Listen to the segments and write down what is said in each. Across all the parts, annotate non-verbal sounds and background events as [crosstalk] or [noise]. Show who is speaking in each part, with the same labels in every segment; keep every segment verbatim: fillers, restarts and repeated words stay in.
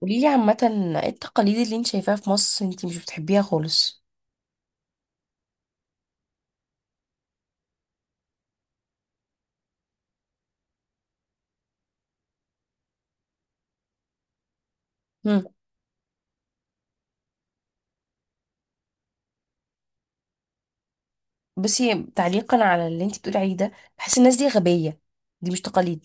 Speaker 1: قوليلي عامة، ايه التقاليد اللي انت شايفاها في مصر انت مش بتحبيها خالص؟ هم. بصي، تعليقا على اللي انت بتقولي عليه ده، بحس الناس دي غبية. دي مش تقاليد.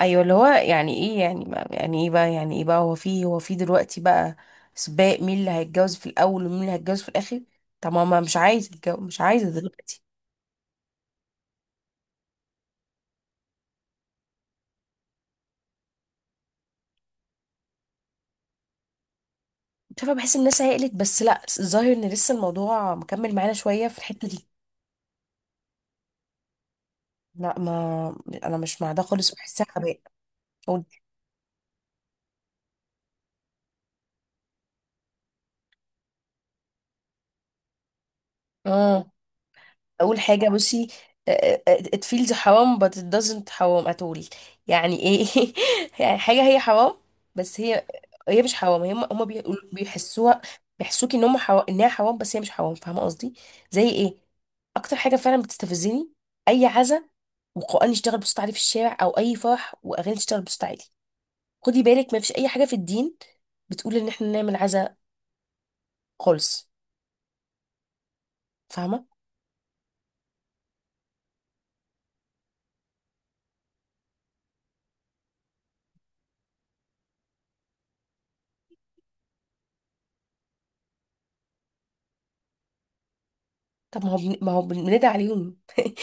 Speaker 1: ايوه، اللي هو يعني ايه؟ يعني ما يعني ايه بقى؟ يعني ايه بقى؟ هو في هو في دلوقتي بقى سباق مين اللي هيتجوز في الاول ومين اللي هيتجوز في الاخر. طب ما ما مش عايزه اتجوز، مش عايزه دلوقتي. شايفه، بحس الناس هيقلت، بس لا، الظاهر ان لسه الموضوع مكمل معانا شويه في الحته دي. لا، ما انا مش مع ده خالص، بحسها غباء. قولي. اه، اول حاجه بصي. آه، آه، it feels حرام but it doesn't حرام at all. يعني ايه [laughs] يعني حاجه هي حرام، بس هي هي مش حرام. هم هم بيقولوا- بيحسوها. بيحسوكي ان هم حرام، انها حرام، بس هي مش حرام. فاهمه قصدي؟ زي ايه؟ اكتر حاجه فعلا بتستفزني اي عزا وقرآن يشتغل بصوت عالي في الشارع، او اي فرح واغاني تشتغل بصوت عالي. خدي بالك، ما فيش اي حاجه في الدين بتقول ان احنا نعمل عزا خالص. فاهمه؟ طب ما هو بن... ما هو بن- بندعي عليهم.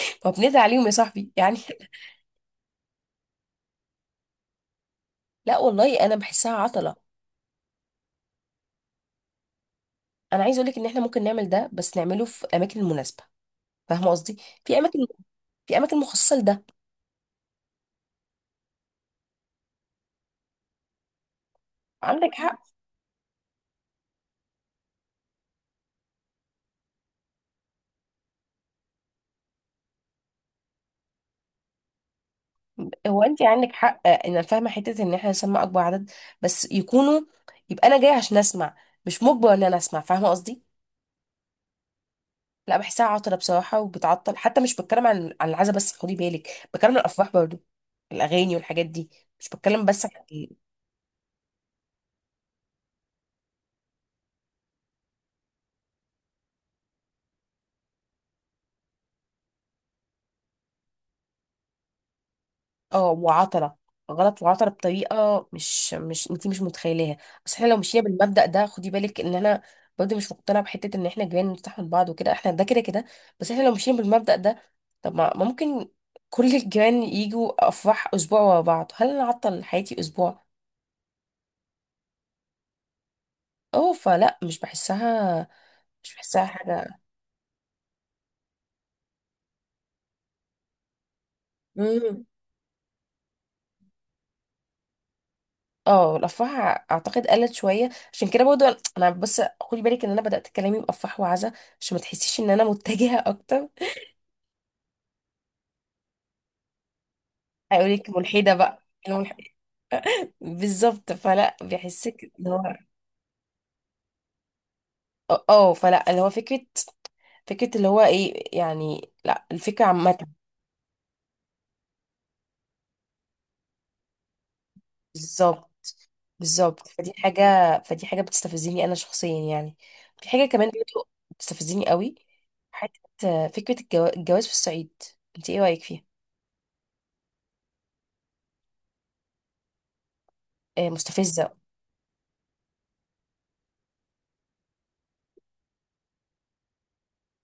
Speaker 1: ما هو بندعي عليهم يا صاحبي يعني. لا والله، انا بحسها عطله. انا عايز اقولك ان احنا ممكن نعمل ده، بس نعمله في اماكن مناسبه. فاهمه قصدي؟ في اماكن في اماكن مخصصه لده. عندك حق. هو انت عندك حق، آه، انا فاهمه حته ان احنا نسمع اكبر عدد، بس يكونوا، يبقى انا جايه عشان اسمع، مش مجبر ان انا اسمع. فاهمه قصدي؟ لا، بحسها عطله بصراحه وبتعطل. حتى مش بتكلم عن عن العزا بس، خدي بالك. بتكلم عن الافراح برضو، الاغاني والحاجات دي. مش بتكلم بس عن. اه، وعطلة. غلط وعطلة بطريقة مش مش انتي مش متخيلاها. بس احنا لو مشينا بالمبدأ ده، خدي بالك ان انا برضه مش مقتنعة بحتة ان احنا جيران نفتح من بعض وكده، احنا ده كده كده. بس احنا لو مشينا بالمبدأ ده، طب ما ما ممكن كل الجيران يجوا افراح اسبوع ورا بعض. هل انا اعطل حياتي اسبوع؟ اه، فلا، مش بحسها مش بحسها حاجة. مم. اه، الافراح اعتقد قلت شويه، عشان كده برضه انا أنا بس خدي بالك ان انا بدات كلامي بافراح وعزا، عشان ما تحسيش ان انا متجهه اكتر. هيقولك ملحدة بقى، الملح- بالظبط. فلا بيحسك اللي هو اه. آه، فلا اللي هو فكرة فكرة اللي هو ايه يعني؟ لا، الفكرة عامة. بالظبط، بالظبط. فدي حاجة فدي حاجة بتستفزني أنا شخصيا يعني. في حاجة كمان برضه بتستفزني قوي، حتة فكرة الجوا- الجواز في الصعيد. انت ايه رأيك فيها؟ آه، مستفزة.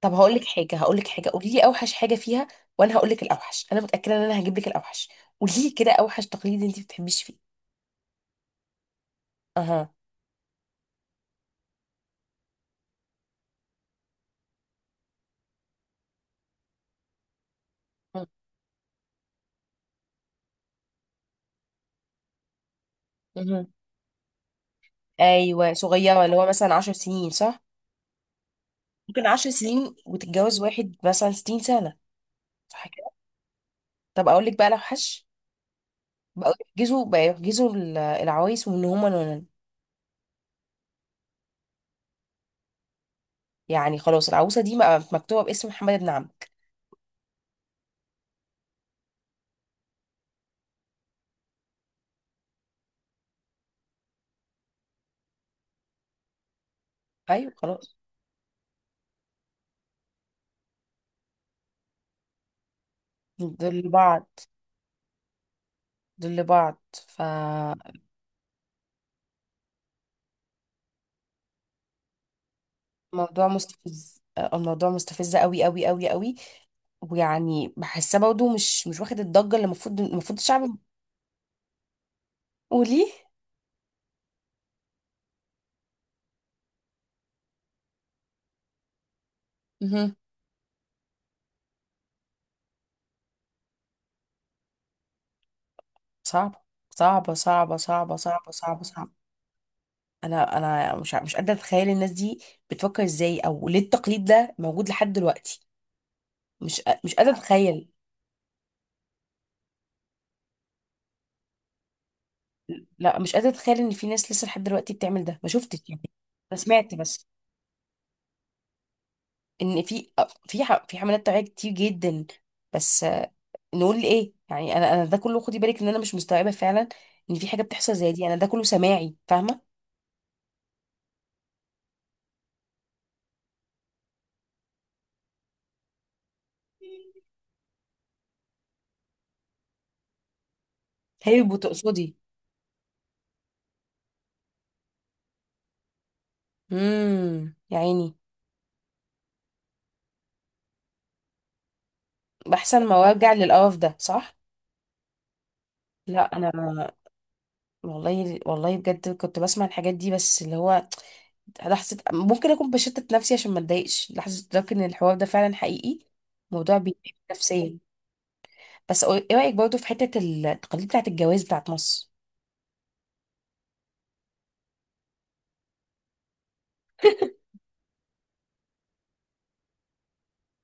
Speaker 1: طب هقول لك حاجة هقول لك حاجة. قولي لي أوحش حاجة فيها، وأنا هقول لك الأوحش. أنا متأكدة إن أنا هجيب لك الأوحش. قولي لي كده أوحش تقليد انت ما بتحبيش فيه. أها. مهم. ايوه، صغيره، اللي هو مثلا عشر سنين صح؟ ممكن عشر سنين وتتجوز واحد مثلا ستين سنه، صح كده. طب اقول لك بقى لو حش، بقوا يحجزوا، بقى يحجزوا ال- العوايس وان هما نونن. يعني خلاص العروسه دي بقى مكتوبه باسم محمد بن عمرو. ايوه خلاص، دول لبعض. دول لبعض، فالموضوع مستفز. آه، الموضوع مستفز قوي قوي قوي قوي. ويعني بحسها برضه مش مش واخد الضجه اللي المفروض المفروض الشعب. قولي. صعبة صعبة صعبة صعبة صعبة صعبة صعبة. أنا أنا مش ع- مش قادرة أتخيل الناس دي بتفكر إزاي أو ليه التقليد ده موجود لحد دلوقتي. مش قا- مش قادرة أتخيل. لا، مش قادرة أتخيل إن في ناس لسه لحد دلوقتي بتعمل ده. ما شفتش يعني. أنا سمعت بس إن في في ح- في حملات توعية كتير جدا، بس آه، نقول لإيه يعني. أنا أنا ده كله، خدي بالك إن أنا مش مستوعبة فعلا إن في حاجة بتحصل زي دي. أنا ده كله سماعي، فاهمة. هي بتقصدي. امم يا عيني. بحسن ما ارجع للقرف ده، صح. لا، انا والله والله بجد كنت بسمع الحاجات دي، بس اللي هو لحظه ممكن اكون بشتت نفسي عشان ما اتضايقش، لحظه ادرك ان الحوار ده فعلا حقيقي. موضوع بيتعب نفسيا. بس قول- ايه رايك برضه في حته التقاليد بتاعه الجواز بتاعه مصر؟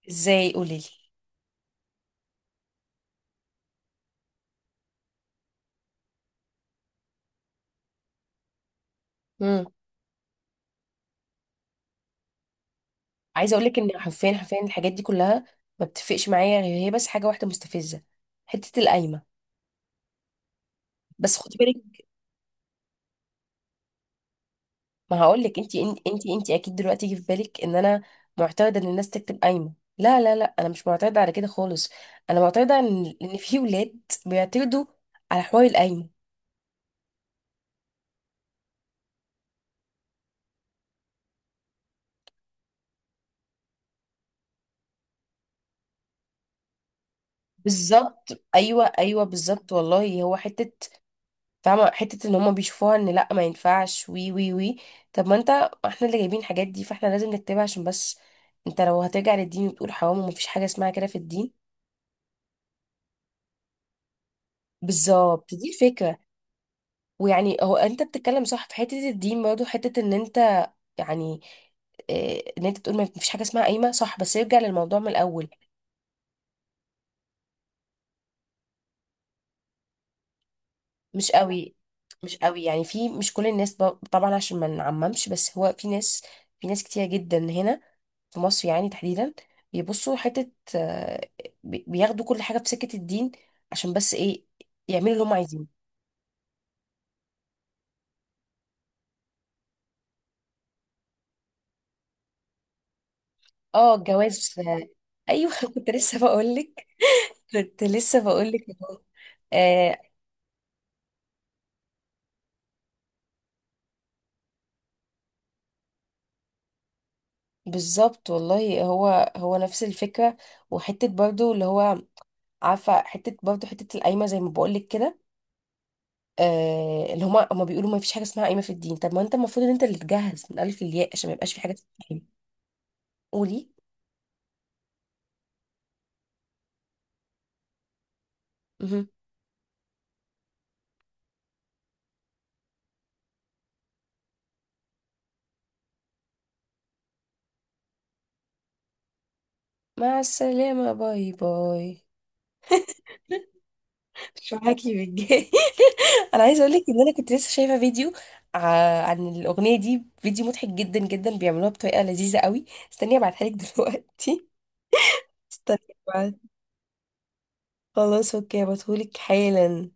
Speaker 1: ازاي؟ قولي لي. امم عايزه اقول لك ان حرفيا حرفيا الحاجات دي كلها ما بتفرقش معايا، غير هي بس حاجه واحده مستفزه، حته القايمه. بس خدي بالك، ما هقول لك، انت انت انت اكيد دلوقتي يجي في بالك ان انا معترضه ان الناس تكتب قايمه. لا لا لا، انا مش معترضه على كده خالص. انا معترضه ان ان في ولاد بيعترضوا على حوار القايمه. بالظبط، ايوه ايوه، بالظبط. والله هو حته، فاهمه حته ان هم بيشوفوها ان لا، ما ينفعش، وي وي وي. طب ما انت، احنا اللي جايبين الحاجات دي، فاحنا لازم نكتبها عشان بس. انت لو هترجع للدين وتقول حرام، ومفيش حاجه اسمها كده في الدين. بالظبط، دي الفكره. ويعني هو انت بتتكلم صح في حته الدين، برضه حته ان انت يعني، آه، ان انت تقول ما فيش حاجه اسمها قايمه. صح، بس يرجع للموضوع من الاول. مش قوي. مش قوي يعني، في مش كل الناس ب- طبعا عشان ما نعممش، بس هو في ناس، في ناس كتير جدا هنا في مصر يعني تحديدا، بيبصوا حته، آه، بي- بياخدوا كل حاجه في سكه الدين عشان بس ايه؟ يعملوا اللي هم عايزينه. اه، الجواز. آه، ايوه [laughs] كنت لسه بقول لك. كنت لسه بقول لك. آه بالظبط، والله هو هو نفس الفكره. وحته برضو، اللي هو، عارفه حته برضه، حته القايمه، زي ما بقول لك كده، آه، اللي هما هما بيقولوا ما فيش حاجه اسمها قايمه في الدين. طب ما انت المفروض ان انت اللي تجهز من الف للياء عشان ما يبقاش في حاجه اسمها قايمه. قولي. مهم. مع السلامه، باي باي. مش معاكي بالجاي [laughs] انا عايزه اقول لك ان انا كنت لسه شايفه فيديو ع- عن الاغنيه دي، فيديو مضحك جدا جدا، بيعملوها بطريقه لذيذه قوي. استني ابعتها لك دلوقتي. [laughs] استني. ابعت. خلاص اوكي، هبعتهولك حالا.